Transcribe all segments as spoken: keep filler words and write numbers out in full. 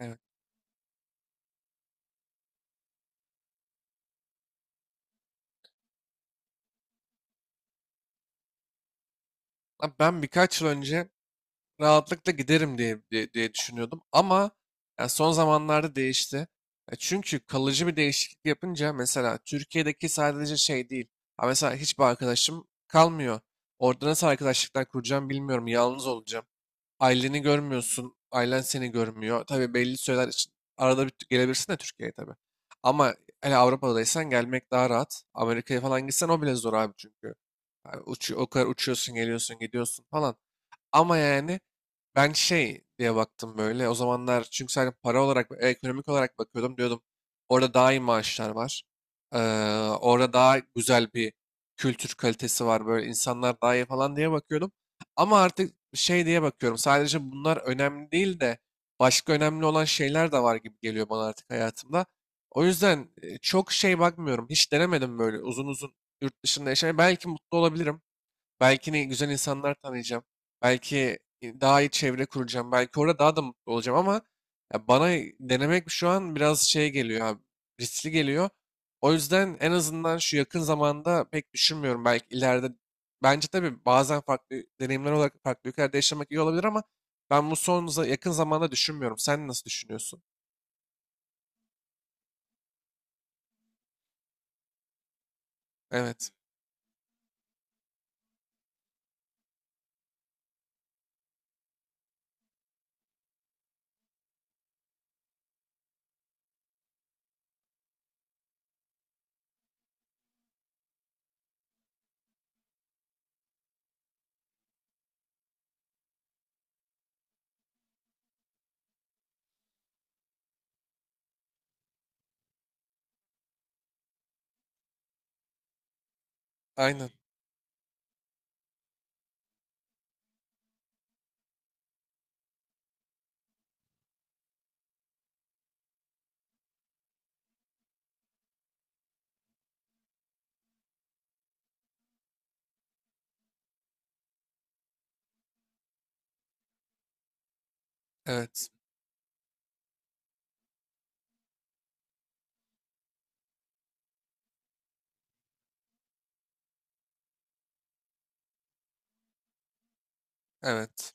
Evet. Lan Ben birkaç yıl önce rahatlıkla giderim diye, diye, diye düşünüyordum ama yani son zamanlarda değişti. E Çünkü kalıcı bir değişiklik yapınca mesela Türkiye'deki sadece şey değil. Ha mesela hiçbir arkadaşım kalmıyor. Orada nasıl arkadaşlıklar kuracağım bilmiyorum. Yalnız olacağım. Aileni görmüyorsun. Ailen seni görmüyor. Tabii belli süreler için arada bir gelebilirsin de Türkiye'ye tabii. Ama hele Avrupa'daysan gelmek daha rahat. Amerika'ya falan gitsen o bile zor abi çünkü. Yani uç, o kadar uçuyorsun, geliyorsun, gidiyorsun falan. Ama yani ben şey diye baktım böyle. O zamanlar çünkü sadece para olarak, e, ekonomik olarak bakıyordum. Diyordum orada daha iyi maaşlar var. Ee, Orada daha güzel bir kültür kalitesi var. Böyle insanlar daha iyi falan diye bakıyordum. Ama artık şey diye bakıyorum. Sadece bunlar önemli değil de başka önemli olan şeyler de var gibi geliyor bana artık hayatımda. O yüzden e, çok şey bakmıyorum. Hiç denemedim böyle uzun uzun yurt dışında yaşamayı. Belki mutlu olabilirim. Belki ne güzel insanlar tanıyacağım. Belki daha iyi çevre kuracağım. Belki orada daha da mutlu olacağım ama ya bana denemek şu an biraz şey geliyor abi. Riskli geliyor. O yüzden en azından şu yakın zamanda pek düşünmüyorum. Belki ileride bence tabii bazen farklı deneyimler olarak farklı ülkelerde yaşamak iyi olabilir ama ben bu son za- yakın zamanda düşünmüyorum. Sen nasıl düşünüyorsun? Evet. Aynen. Evet. Evet.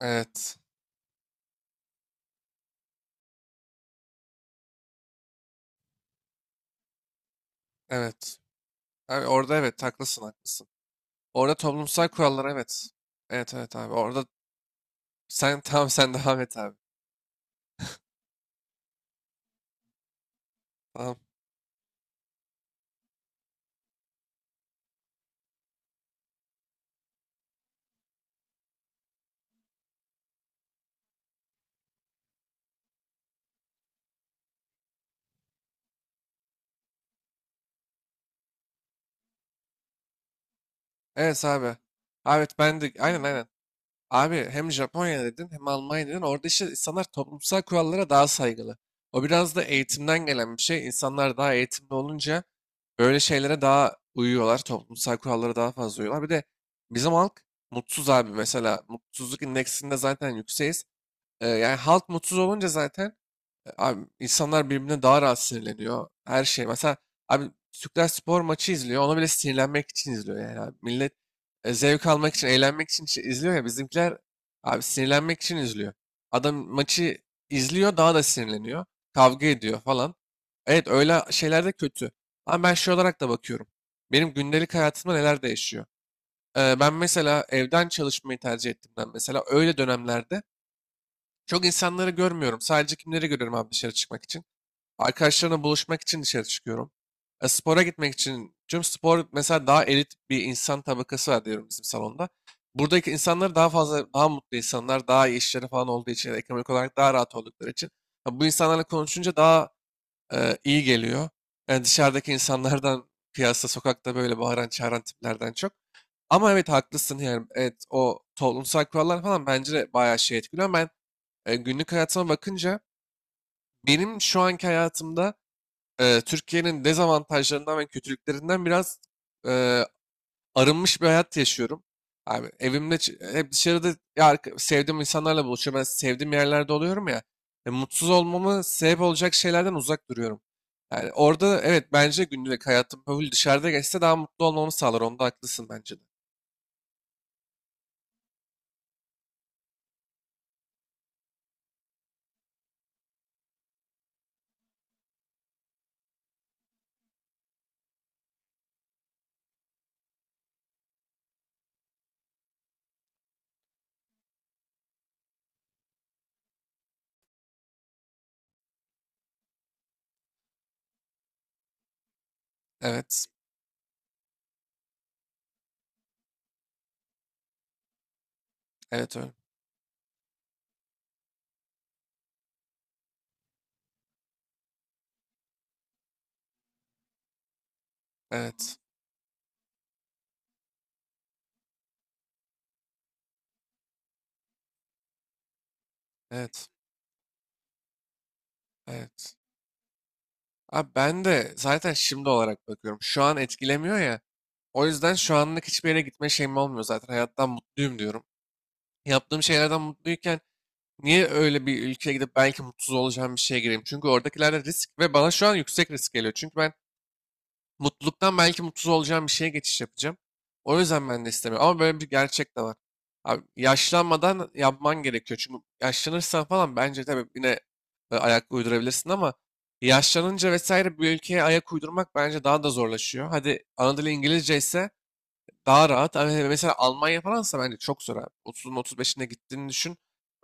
Evet. Evet. Abi orada evet haklısın haklısın. Orada toplumsal kurallar evet. Evet, evet abi. Orada sen tamam, sen devam et abi. Tamam. Evet abi. Abi, evet ben de aynen aynen. Abi hem Japonya dedin hem Almanya dedin. Orada işte insanlar toplumsal kurallara daha saygılı. O biraz da eğitimden gelen bir şey. İnsanlar daha eğitimli olunca böyle şeylere daha uyuyorlar. Toplumsal kurallara daha fazla uyuyorlar. Bir de bizim halk mutsuz abi mesela. Mutsuzluk indeksinde zaten yükseğiz. Ee, yani halk mutsuz olunca zaten abi insanlar birbirine daha rahat sinirleniyor. Her şey. Mesela abi Türkler spor maçı izliyor. Ona bile sinirlenmek için izliyor yani abi. Millet e, zevk almak için, eğlenmek için şey izliyor ya. Bizimkiler abi sinirlenmek için izliyor. Adam maçı izliyor daha da sinirleniyor. Kavga ediyor falan. Evet öyle şeyler de kötü. Ama ben şey olarak da bakıyorum. Benim gündelik hayatımda neler değişiyor? Ee, ben mesela evden çalışmayı tercih ettiğimden mesela öyle dönemlerde çok insanları görmüyorum. Sadece kimleri görüyorum abi dışarı çıkmak için? Arkadaşlarımla buluşmak için dışarı çıkıyorum. E, spora gitmek için. Çünkü spor mesela daha elit bir insan tabakası var diyorum bizim salonda. Buradaki insanlar daha fazla, daha mutlu insanlar, daha iyi işleri falan olduğu için, ya da ekonomik olarak daha rahat oldukları için. Ha, bu insanlarla konuşunca daha e, iyi geliyor. Yani dışarıdaki insanlardan, piyasa, sokakta böyle bağıran, çağıran tiplerden çok. Ama evet haklısın yani. Evet o toplumsal kurallar falan bence de bayağı şey etkiliyor. Ben e, günlük hayatıma bakınca benim şu anki hayatımda e, Türkiye'nin dezavantajlarından ve kötülüklerinden biraz e, arınmış bir hayat yaşıyorum. Abi evimde ç- hep dışarıda ya, arka- sevdiğim insanlarla buluşuyorum. Ben sevdiğim yerlerde oluyorum ya. E, mutsuz olmamı sebep olacak şeylerden uzak duruyorum. Yani orada evet bence günlük hayatım böyle dışarıda geçse daha mutlu olmamı sağlar. Onda haklısın bence de. Evet. Evet öyle. Evet. Evet. Evet. Abi ben de zaten şimdi olarak bakıyorum. Şu an etkilemiyor ya. O yüzden şu anlık hiçbir yere gitme şeyim olmuyor zaten. Hayattan mutluyum diyorum. Yaptığım şeylerden mutluyken niye öyle bir ülkeye gidip belki mutsuz olacağım bir şeye gireyim? Çünkü oradakilerde risk ve bana şu an yüksek risk geliyor. Çünkü ben mutluluktan belki mutsuz olacağım bir şeye geçiş yapacağım. O yüzden ben de istemiyorum. Ama böyle bir gerçek de var. Abi, yaşlanmadan yapman gerekiyor. Çünkü yaşlanırsan falan bence tabii yine e, ayak uydurabilirsin ama yaşlanınca vesaire bir ülkeye ayak uydurmak bence daha da zorlaşıyor. Hadi ana dili İngilizce ise daha rahat. Ama mesela Almanya falansa bence çok zor abi. otuzun otuz beşine gittiğini düşün.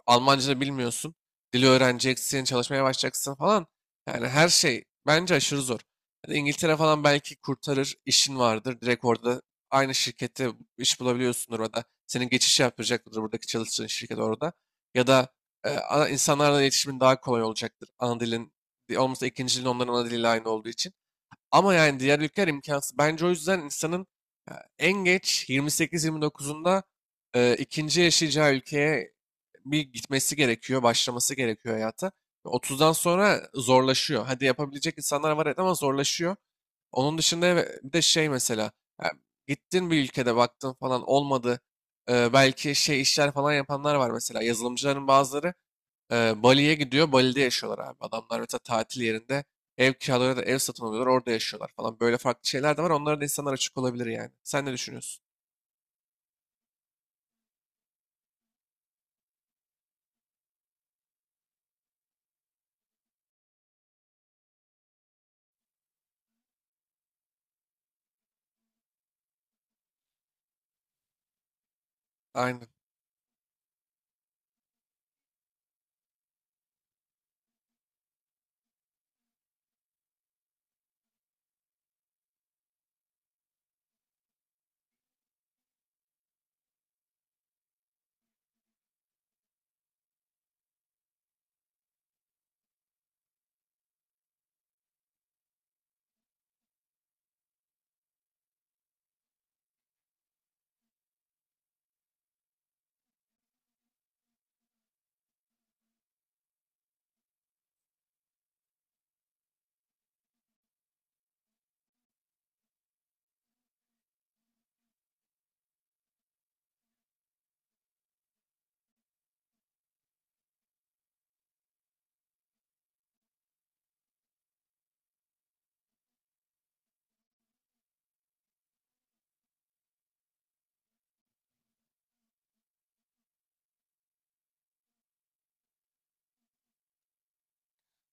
Almancını bilmiyorsun. Dili öğreneceksin, çalışmaya başlayacaksın falan. Yani her şey bence aşırı zor. Yani İngiltere falan belki kurtarır, işin vardır. Direkt orada aynı şirkette iş bulabiliyorsundur orada. Senin geçiş yapacaktır buradaki çalıştığın şirket orada. Ya da e, ana- insanlarla iletişimin daha kolay olacaktır. Ana dilin olmasa ikinci dilin onların ana diliyle aynı olduğu için. Ama yani diğer ülkeler imkansız. Bence o yüzden insanın e, en geç yirmi sekiz yirmi dokuzunda e, ikinci yaşayacağı ülkeye bir gitmesi gerekiyor, başlaması gerekiyor hayata. otuzdan sonra zorlaşıyor. Hadi yapabilecek insanlar var evet ama zorlaşıyor. Onun dışında eve- bir de şey mesela e, gittin bir ülkede baktın falan olmadı. E, belki şey işler falan yapanlar var mesela yazılımcıların bazıları ee, Bali'ye gidiyor. Bali'de yaşıyorlar abi. Adamlar mesela tatil yerinde ev kiralarıyla da ev satın alıyorlar. Orada yaşıyorlar falan. Böyle farklı şeyler de var. Onlara da insanlar açık olabilir yani. Sen ne düşünüyorsun? Aynen.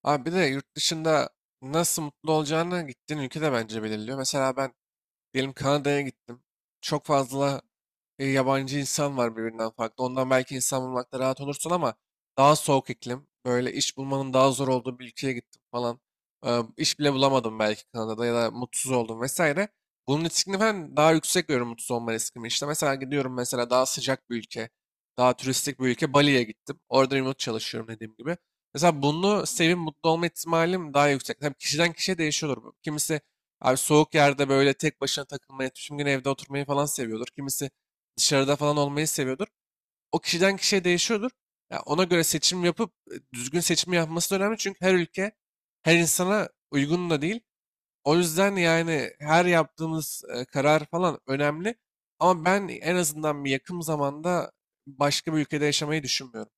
Abi bir de yurt dışında nasıl mutlu olacağını gittiğin ülke de bence belirliyor. Mesela ben diyelim Kanada'ya gittim. Çok fazla e, yabancı insan var birbirinden farklı. Ondan belki insan bulmakta rahat olursun ama daha soğuk iklim. Böyle iş bulmanın daha zor olduğu bir ülkeye gittim falan. Ee, iş bile bulamadım belki Kanada'da ya da mutsuz oldum vesaire. Bunun riskini ben daha yüksek görüyorum mutsuz olma riskimi. İşte mesela gidiyorum mesela daha sıcak bir ülke, daha turistik bir ülke Bali'ye gittim. Orada remote çalışıyorum dediğim gibi. Mesela bunu sevip mutlu olma ihtimalim daha yüksek. Tabii kişiden kişiye değişiyordur bu. Kimisi abi soğuk yerde böyle tek başına takılmayı, tüm gün evde oturmayı falan seviyordur. Kimisi dışarıda falan olmayı seviyordur. O kişiden kişiye değişiyordur. Ya ona göre seçim yapıp e, düzgün seçim yapması da önemli. Çünkü her ülke her insana uygun da değil. O yüzden yani her yaptığımız e, karar falan önemli. Ama ben en azından bir yakın zamanda başka bir ülkede yaşamayı düşünmüyorum.